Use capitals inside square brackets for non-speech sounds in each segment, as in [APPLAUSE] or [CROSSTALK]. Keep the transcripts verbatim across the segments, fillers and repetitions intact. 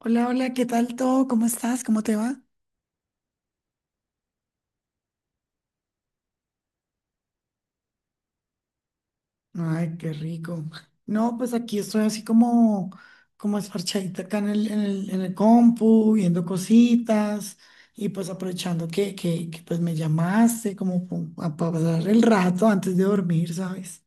Hola, hola, ¿qué tal todo? ¿Cómo estás? ¿Cómo te va? Ay, qué rico. No, pues aquí estoy así como, como esparchadita acá en el, en el, en el compu, viendo cositas y pues aprovechando que, que, que, pues me llamaste como para pasar el rato antes de dormir, ¿sabes?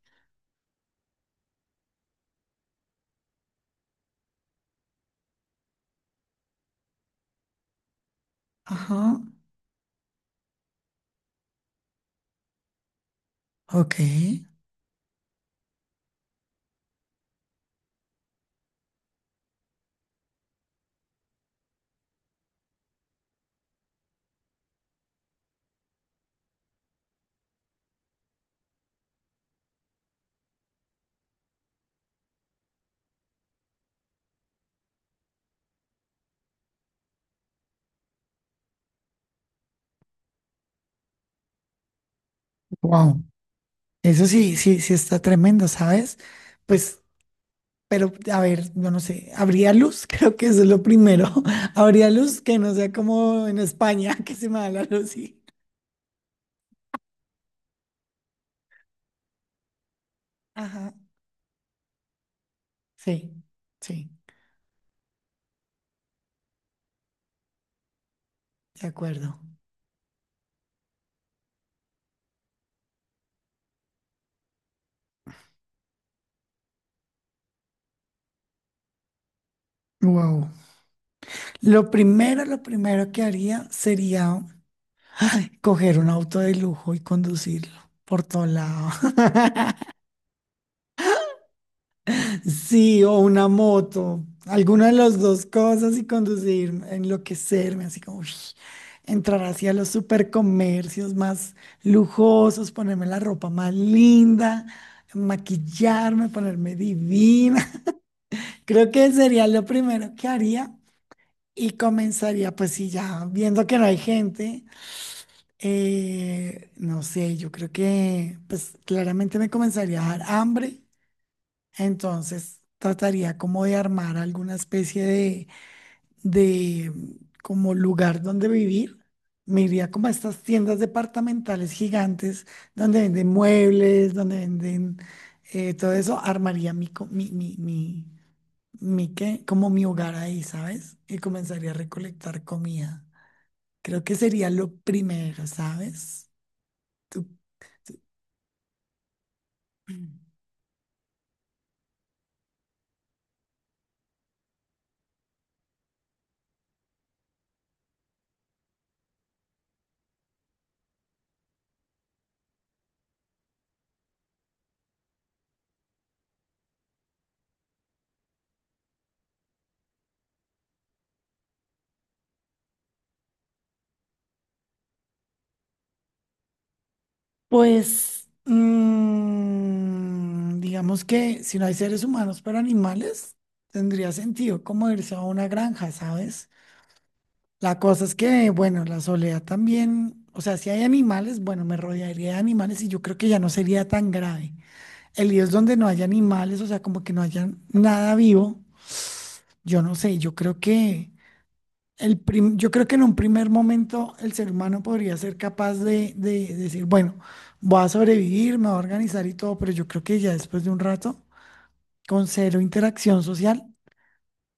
Ajá, ok. Wow, eso sí, sí, sí está tremendo, ¿sabes? Pues pero, a ver, yo no sé, habría luz, [LAUGHS] creo que eso es lo primero. [LAUGHS] Habría luz que no sea como en España, [LAUGHS] que se me da la luz y... Ajá, sí, sí, de acuerdo. Wow. Lo primero, lo primero que haría sería ay, coger un auto de lujo y conducirlo por todo lado. [LAUGHS] Sí, o una moto, alguna de las dos cosas y conducir, enloquecerme, así como uy, entrar hacia los supercomercios más lujosos, ponerme la ropa más linda, maquillarme, ponerme divina. [LAUGHS] Creo que sería lo primero que haría y comenzaría, pues sí, ya viendo que no hay gente, eh, no sé, yo creo que pues claramente me comenzaría a dar hambre. Entonces, trataría como de armar alguna especie de, de como lugar donde vivir. Me iría como a estas tiendas departamentales gigantes donde venden muebles, donde venden eh, todo eso. Armaría mi, co- mi, mi, mi, mi ¿qué? Como mi hogar ahí, ¿sabes? Y comenzaría a recolectar comida. Creo que sería lo primero, ¿sabes? ¿Tú? Pues, mm, digamos que si no hay seres humanos, pero animales, tendría sentido como irse a una granja, ¿sabes? La cosa es que, bueno, la soledad también, o sea, si hay animales, bueno, me rodearía de animales y yo creo que ya no sería tan grave. El lío es donde no haya animales, o sea, como que no haya nada vivo, yo no sé, yo creo que... El prim- yo creo que en un primer momento el ser humano podría ser capaz de, de decir, bueno, voy a sobrevivir, me voy a organizar y todo, pero yo creo que ya después de un rato, con cero interacción social,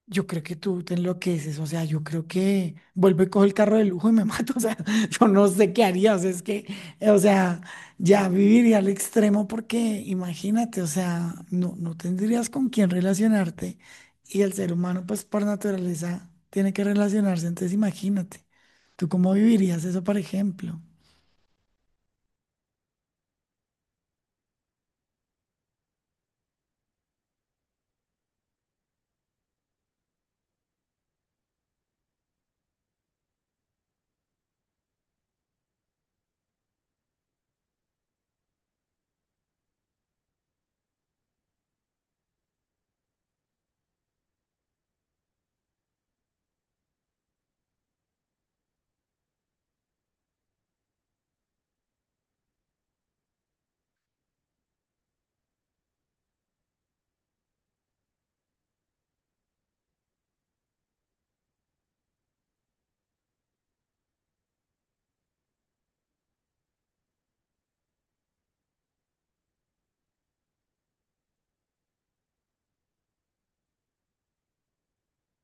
yo creo que tú te enloqueces, o sea, yo creo que vuelvo y cojo el carro de lujo y me mato, [LAUGHS] o sea, yo no sé qué haría, o sea, es que, eh, o sea, ya viviría al extremo porque imagínate, o sea, no, no tendrías con quién relacionarte y el ser humano, pues por naturaleza, tiene que relacionarse, entonces imagínate, ¿tú cómo vivirías eso, por ejemplo?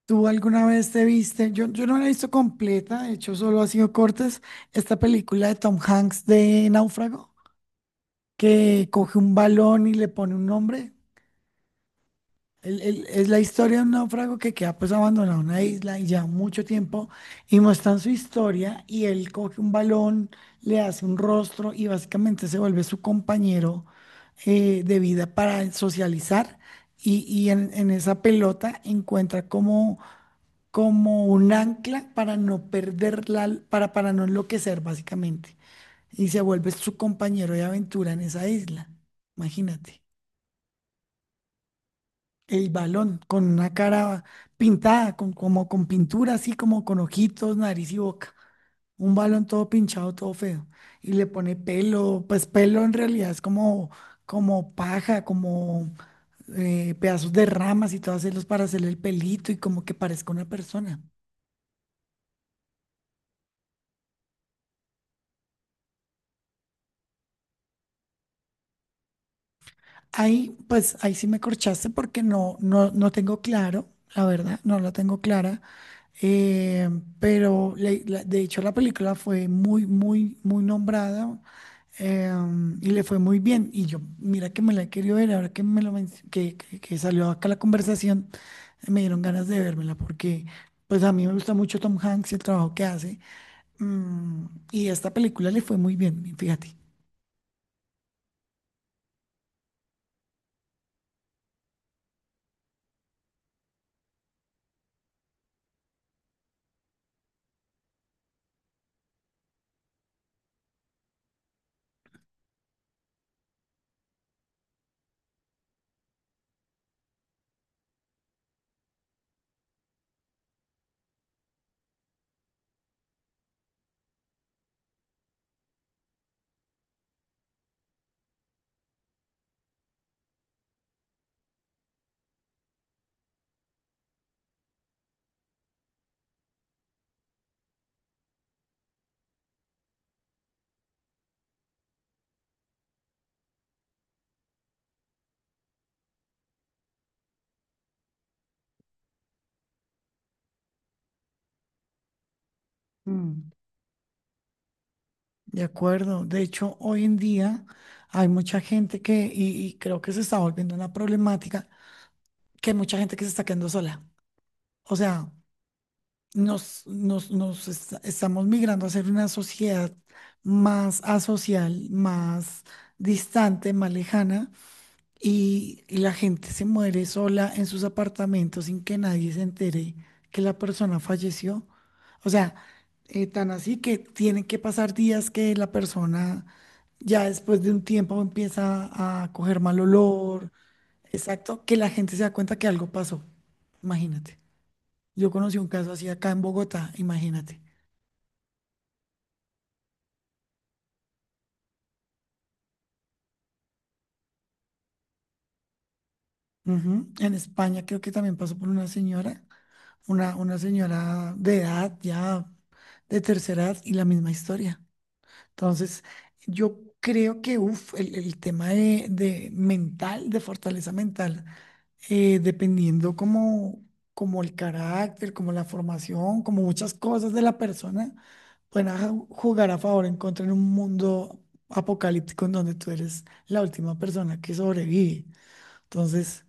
¿Tú alguna vez te viste? Yo, yo no la he visto completa, de hecho solo ha sido cortes, esta película de Tom Hanks de Náufrago. Que coge un balón y le pone un nombre. El- el- es la historia de un náufrago que queda pues abandonado en una isla y ya mucho tiempo y muestran su historia y él coge un balón, le hace un rostro y básicamente se vuelve su compañero eh, de vida para socializar y, y en, en esa pelota encuentra como, como un ancla para no perderla, para, para no enloquecer básicamente y se vuelve su compañero de aventura en esa isla. Imagínate. El balón con una cara pintada, con, como con pintura, así como con ojitos, nariz y boca. Un balón todo pinchado, todo feo. Y le pone pelo, pues pelo en realidad es como, como paja, como eh, pedazos de ramas y todo hacerlos para hacerle el pelito y como que parezca una persona. Ahí, pues ahí sí me corchaste porque no, no, no tengo claro, la verdad, no la tengo clara. Eh, pero le- la- de hecho la película fue muy, muy, muy nombrada eh, y le fue muy bien. Y yo, mira que me la he querido ver, ahora que me lo menc- que, que- que salió acá la conversación, me dieron ganas de vérmela porque pues a mí me gusta mucho Tom Hanks y el trabajo que hace. Mm, y esta película le fue muy bien, fíjate. Mm. De acuerdo. De hecho, hoy en día hay mucha gente que, y, y creo que se está volviendo una problemática, que hay mucha gente que se está quedando sola. O sea, nos, nos, nos est- estamos migrando a ser una sociedad más asocial, más distante, más lejana. Y, la gente se muere sola en sus apartamentos sin que nadie se entere que la persona falleció. O sea, eh, tan así que tienen que pasar días que la persona ya después de un tiempo empieza a coger mal olor. Exacto, que la gente se da cuenta que algo pasó. Imagínate. Yo conocí un caso así acá en Bogotá, imagínate. Ujú. En España creo que también pasó por una señora, una, una señora de edad ya de tercera edad y la misma historia. Entonces, yo creo que uf, el, el tema de, de mental, de fortaleza mental, eh, dependiendo como, como el carácter, como la formación, como muchas cosas de la persona, pueden a- jugar a favor o en contra en un mundo apocalíptico en donde tú eres la última persona que sobrevive. Entonces,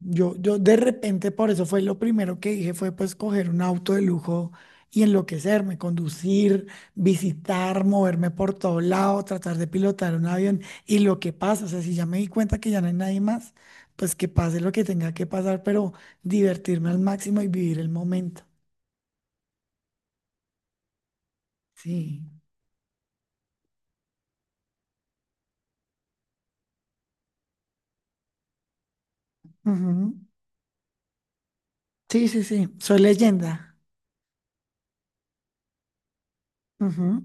yo, yo de repente, por eso fue lo primero que dije, fue pues coger un auto de lujo y enloquecerme, conducir, visitar, moverme por todo lado, tratar de pilotar un avión y lo que pasa, o sea, si ya me di cuenta que ya no hay nadie más, pues que pase lo que tenga que pasar, pero divertirme al máximo y vivir el momento. Sí. Ujú. Sí, sí, sí, soy leyenda. Ujú.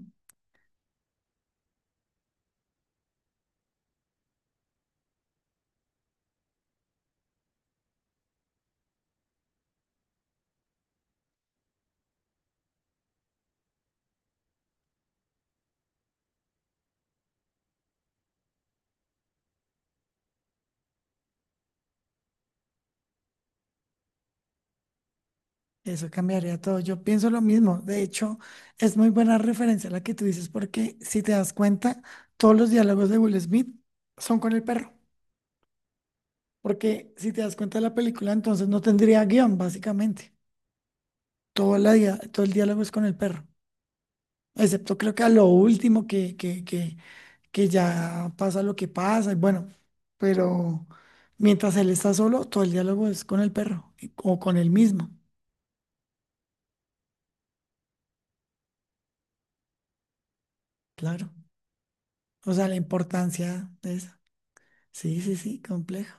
Eso cambiaría todo. Yo pienso lo mismo. De hecho, es muy buena referencia la que tú dices, porque si te das cuenta, todos los diálogos de Will Smith son con el perro. Porque si te das cuenta de la película, entonces no tendría guión, básicamente. Todo, la dia- todo el diálogo es con el perro. Excepto creo que a lo último que, que, que, que ya pasa lo que pasa. Y bueno, pero mientras él está solo, todo el diálogo es con el perro y- o con él mismo. Claro. O sea, la importancia de eso. Sí, sí, sí, complejo.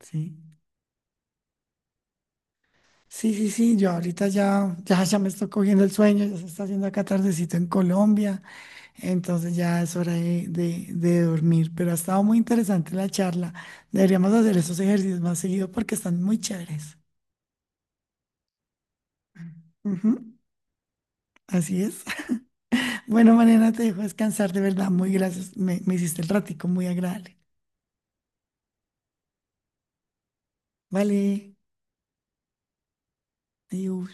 Sí. Sí, sí, sí, yo ahorita ya, ya, ya me estoy cogiendo el sueño, ya se está haciendo acá tardecito en Colombia, entonces ya es hora de, de- de dormir, pero ha estado muy interesante la charla. Deberíamos hacer esos ejercicios más seguido porque están muy chéveres. Ujú, así es. [LAUGHS] Bueno, mañana te dejo descansar, de verdad, muy gracias. Me, me hiciste el ratico muy agradable. Vale, adiós.